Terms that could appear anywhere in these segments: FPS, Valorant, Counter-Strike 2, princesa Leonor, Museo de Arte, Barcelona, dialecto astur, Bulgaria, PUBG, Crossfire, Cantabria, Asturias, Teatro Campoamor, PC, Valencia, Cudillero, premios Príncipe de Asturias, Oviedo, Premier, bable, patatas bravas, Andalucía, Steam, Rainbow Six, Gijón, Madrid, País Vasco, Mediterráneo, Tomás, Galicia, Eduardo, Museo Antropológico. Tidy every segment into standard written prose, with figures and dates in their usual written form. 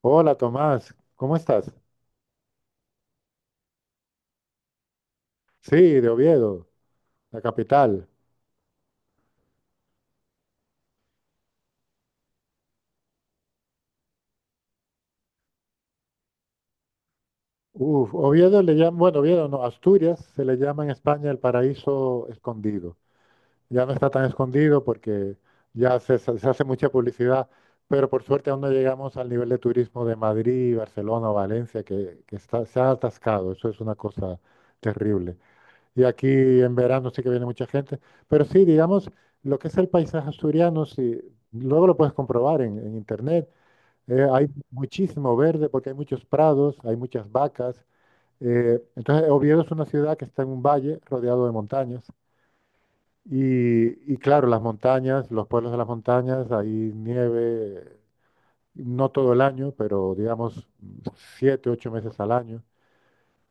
Hola Tomás, ¿cómo estás? Sí, de Oviedo, la capital. Uf, Oviedo le llaman, bueno, Oviedo no, Asturias se le llama en España el paraíso escondido. Ya no está tan escondido porque se hace mucha publicidad, pero por suerte aún no llegamos al nivel de turismo de Madrid, Barcelona o Valencia, que está, se ha atascado. Eso es una cosa terrible. Y aquí en verano sí que viene mucha gente, pero sí, digamos, lo que es el paisaje asturiano, sí, luego lo puedes comprobar en internet. Hay muchísimo verde porque hay muchos prados, hay muchas vacas. Entonces, Oviedo es una ciudad que está en un valle rodeado de montañas. Y claro, las montañas, los pueblos de las montañas, hay nieve, no todo el año, pero digamos 7, 8 meses al año.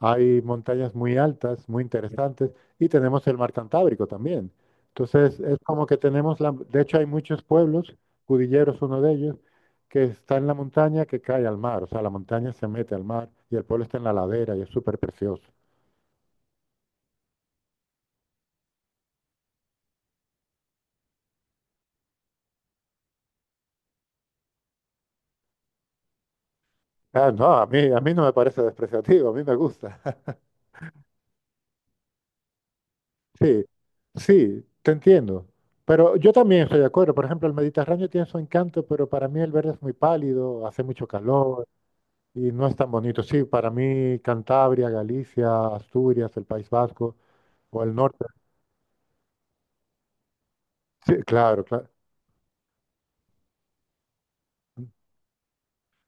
Hay montañas muy altas, muy interesantes, y tenemos el mar Cantábrico también. Entonces, es como que tenemos la... De hecho, hay muchos pueblos, Cudillero es uno de ellos, que está en la montaña que cae al mar. O sea, la montaña se mete al mar y el pueblo está en la ladera y es súper precioso. Ah, no, a mí no me parece despreciativo, a mí me gusta. Sí, sí, te entiendo. Pero yo también estoy de acuerdo. Por ejemplo, el Mediterráneo tiene su encanto, pero para mí el verde es muy pálido, hace mucho calor. Y no es tan bonito. Sí, para mí Cantabria, Galicia, Asturias, el País Vasco o el norte. Sí, claro, claro.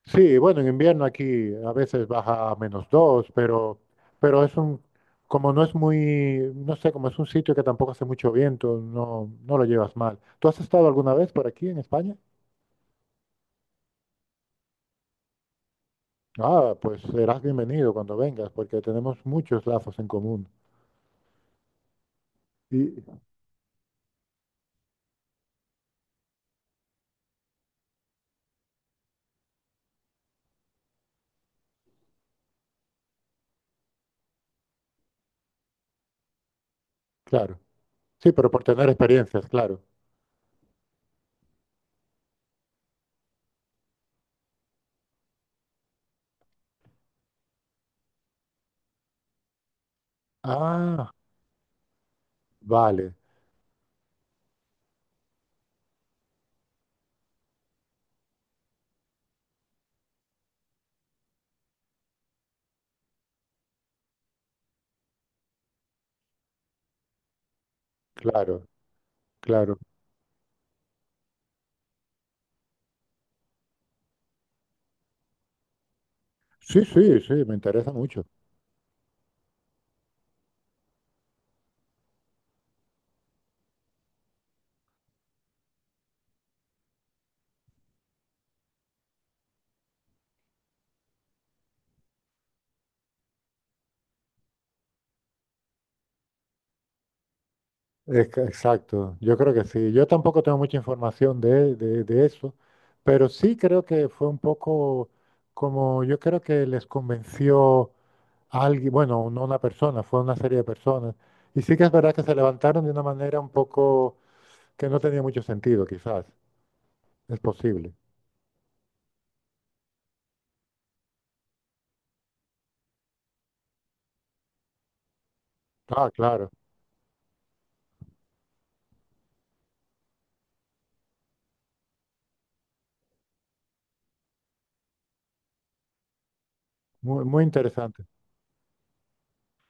Sí, bueno, en invierno aquí a veces baja a menos dos, pero es un, como no es muy, no sé, como es un sitio que tampoco hace mucho viento, no, no lo llevas mal. ¿Tú has estado alguna vez por aquí en España? Ah, pues serás bienvenido cuando vengas, porque tenemos muchos lazos en común. Y claro, sí, pero por tener experiencias, claro. Ah, vale, claro. Claro. Sí, sí, sí, me interesa mucho. Es que- exacto, yo creo que sí. Yo tampoco tengo mucha información de eso, pero sí creo que fue un poco como yo creo que les convenció a alguien, bueno, no una persona, fue una serie de personas. Y sí que es verdad que se levantaron de una manera un poco que no tenía mucho sentido, quizás. Es posible. Ah, claro. Muy, muy interesante.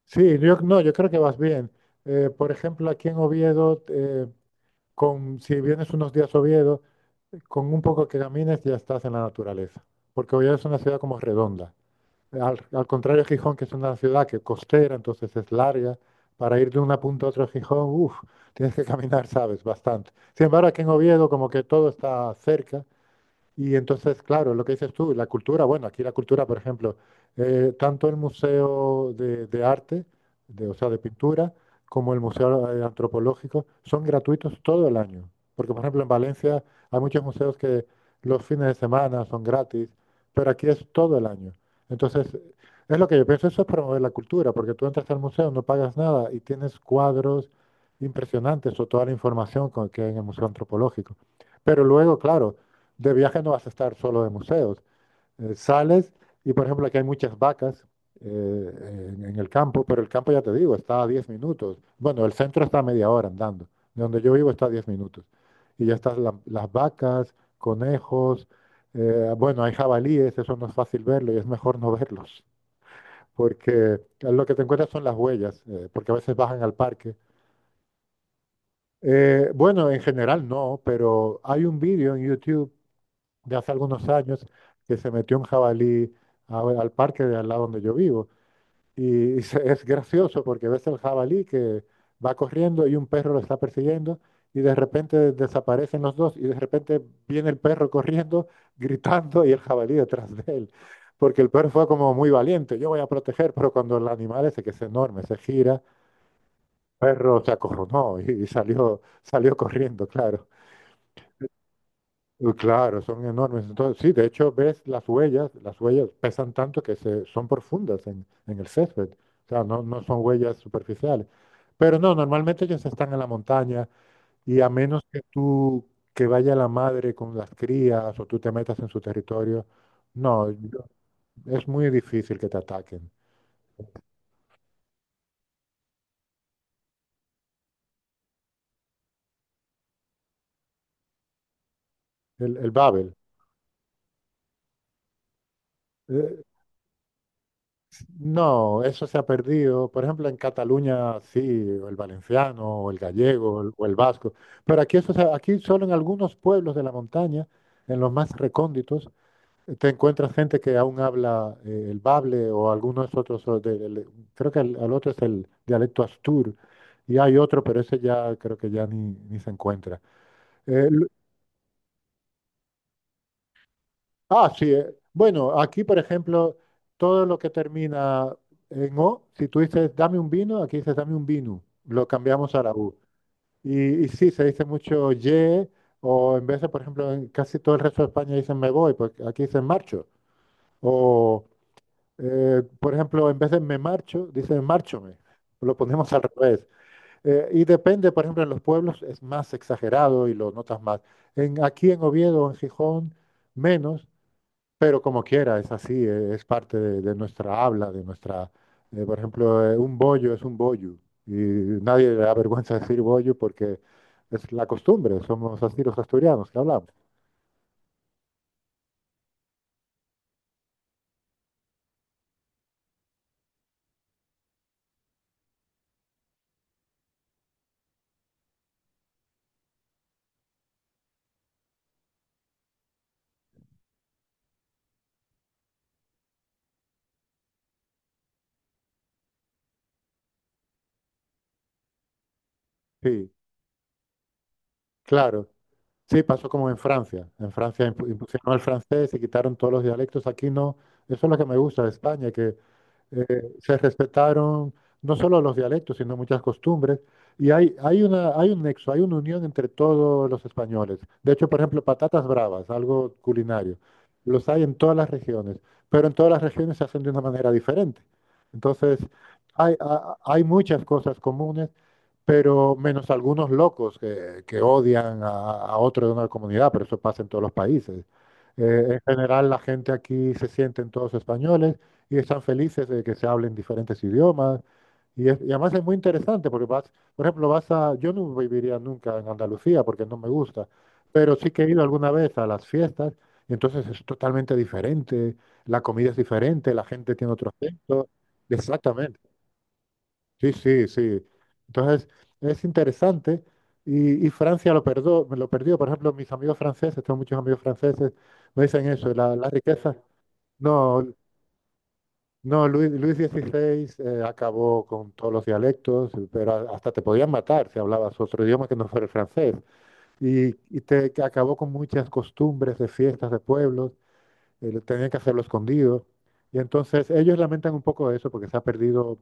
Sí, yo, no, yo creo que vas bien. Por ejemplo, aquí en Oviedo, si vienes unos días a Oviedo, con un poco que camines ya estás en la naturaleza, porque Oviedo es una ciudad como redonda. Al contrario de Gijón, que es una ciudad que costera, entonces es larga, para ir de una punta a otra de Gijón, uff, tienes que caminar, sabes, bastante. Sin embargo, aquí en Oviedo como que todo está cerca y entonces, claro, lo que dices tú, la cultura, bueno, aquí la cultura, por ejemplo, tanto el Museo de Arte, de, o sea, de pintura, como el Museo Antropológico, son gratuitos todo el año. Porque, por ejemplo, en Valencia hay muchos museos que los fines de semana son gratis, pero aquí es todo el año. Entonces, es lo que yo pienso, eso es promover la cultura, porque tú entras al museo, no pagas nada y tienes cuadros impresionantes o toda la información que hay en el Museo Antropológico. Pero luego, claro, de viaje no vas a estar solo de museos. Sales y, por ejemplo, aquí hay muchas vacas en el campo, pero el campo, ya te digo, está a 10 minutos. Bueno, el centro está a media hora andando. De donde yo vivo está a 10 minutos. Y ya están las vacas, conejos, bueno, hay jabalíes, eso no es fácil verlo y es mejor no verlos, porque lo que te encuentras son las huellas, porque a veces bajan al parque. Bueno, en general no, pero hay un vídeo en YouTube de hace algunos años que se metió un jabalí al parque de al lado donde yo vivo. Es gracioso porque ves el jabalí que va corriendo y un perro lo está persiguiendo y de repente desaparecen los dos y de repente viene el perro corriendo, gritando y el jabalí detrás de él. Porque el perro fue como muy valiente, yo voy a proteger, pero cuando el animal ese que es enorme se gira, el perro se acorronó y salió, salió corriendo, claro. Claro, son enormes. Entonces, sí, de hecho ves las huellas pesan tanto que se, son profundas en el césped. O sea, no, no son huellas superficiales. Pero no, normalmente ellos están en la montaña y a menos que que vaya la madre con las crías o tú te metas en su territorio, no, es muy difícil que te ataquen. El Babel. eh, No, eso se ha perdido. Por ejemplo, en Cataluña sí, o el valenciano, o el gallego, o el vasco. Pero aquí, eso, aquí solo en algunos pueblos de la montaña, en los más recónditos, te encuentras gente que aún habla el bable o algunos otros. Creo que el otro es el dialecto astur y hay otro, pero ese ya creo que ya ni, ni se encuentra. Eh, Ah, sí. Bueno, aquí, por ejemplo, todo lo que termina en O, si tú dices dame un vino, aquí dices dame un vino. Lo cambiamos a la U. Y sí, se dice mucho ye, o en vez de, por ejemplo, en casi todo el resto de España dicen me voy, pues aquí dicen marcho. O, por ejemplo, en vez de me marcho, dicen márchome. Lo ponemos al revés. Y depende, por ejemplo, en los pueblos es más exagerado y lo notas más. Aquí en Oviedo, en Gijón, menos. Pero como quiera, es así, es parte de nuestra habla, de nuestra... Eh, por ejemplo, un bollo es un bollo y nadie le da vergüenza decir bollo porque es la costumbre, somos así los asturianos que hablamos. Sí, claro. Sí, pasó como en Francia. En Francia impusieron el francés y quitaron todos los dialectos. Aquí no. Eso es lo que me gusta de España, que se respetaron no solo los dialectos, sino muchas costumbres. Y hay un nexo, hay una unión entre todos los españoles. De hecho, por ejemplo, patatas bravas, algo culinario, los hay en todas las regiones, pero en todas las regiones se hacen de una manera diferente. Entonces, hay muchas cosas comunes, pero menos algunos locos que odian a otro de una comunidad, pero eso pasa en todos los países. En general, la gente aquí se sienten todos españoles y están felices de que se hablen diferentes idiomas. Y además es muy interesante porque vas, por ejemplo, vas a, yo no viviría nunca en Andalucía porque no me gusta, pero sí que he ido alguna vez a las fiestas y entonces es totalmente diferente, la comida es diferente, la gente tiene otro acento. Exactamente. Sí, sí, sí. Entonces es interesante y Francia lo perdió, lo perdió. Por ejemplo, mis amigos franceses, tengo muchos amigos franceses, me dicen eso, la riqueza. No, no, Luis XVI acabó con todos los dialectos, pero hasta te podían matar si hablabas otro idioma que no fuera el francés. Y te que acabó con muchas costumbres de fiestas de pueblos, lo tenían que hacerlo escondido. Y entonces ellos lamentan un poco eso porque se ha perdido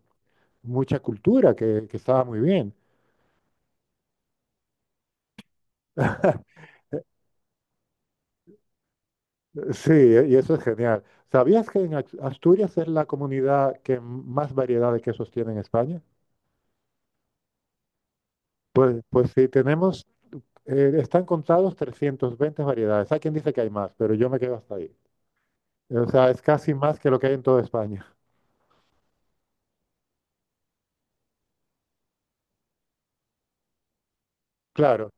mucha cultura que estaba muy bien. Sí, y eso es genial. ¿Sabías que en Asturias es la comunidad que más variedad de quesos tiene en España? Pues, pues sí, tenemos. Están contados 320 variedades. Hay quien dice que hay más, pero yo me quedo hasta ahí. O sea, es casi más que lo que hay en toda España. Claro.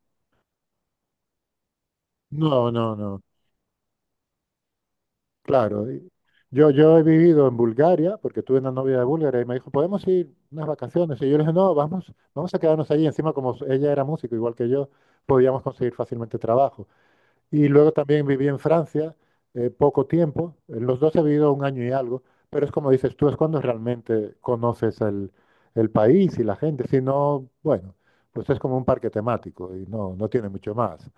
No, no, no. Claro. Y yo, he vivido en Bulgaria, porque tuve una novia de Bulgaria y me dijo, ¿podemos ir unas vacaciones? Y yo le dije, no, vamos, vamos a quedarnos allí. Encima, como ella era músico, igual que yo, podíamos conseguir fácilmente trabajo. Y luego también viví en Francia poco tiempo. En los dos he vivido 1 año y algo. Pero es como dices tú, es cuando realmente conoces el país y la gente. Si no, bueno, pues es como un parque temático y no, no tiene mucho más.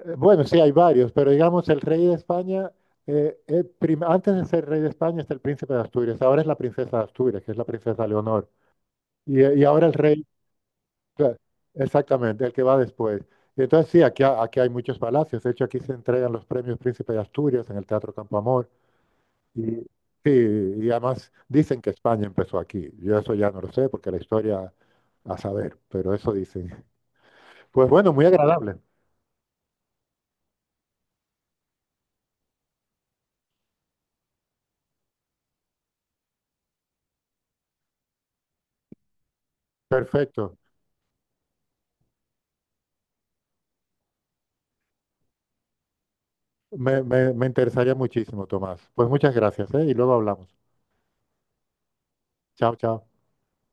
Bueno, sí hay varios, pero digamos el rey de España, antes de ser rey de España está el príncipe de Asturias. Ahora es la princesa de Asturias, que es la princesa Leonor. Y ahora el rey. Claro, exactamente, el que va después. Y entonces sí, aquí, aquí hay muchos palacios. De hecho, aquí se entregan los premios Príncipe de Asturias en el Teatro Campoamor. Y sí, y además dicen que España empezó aquí. Yo eso ya no lo sé porque la historia a saber, pero eso dicen. Pues bueno, muy agradable. Perfecto. Me interesaría muchísimo, Tomás. Pues muchas gracias, ¿eh? Y luego hablamos. Chao, chao.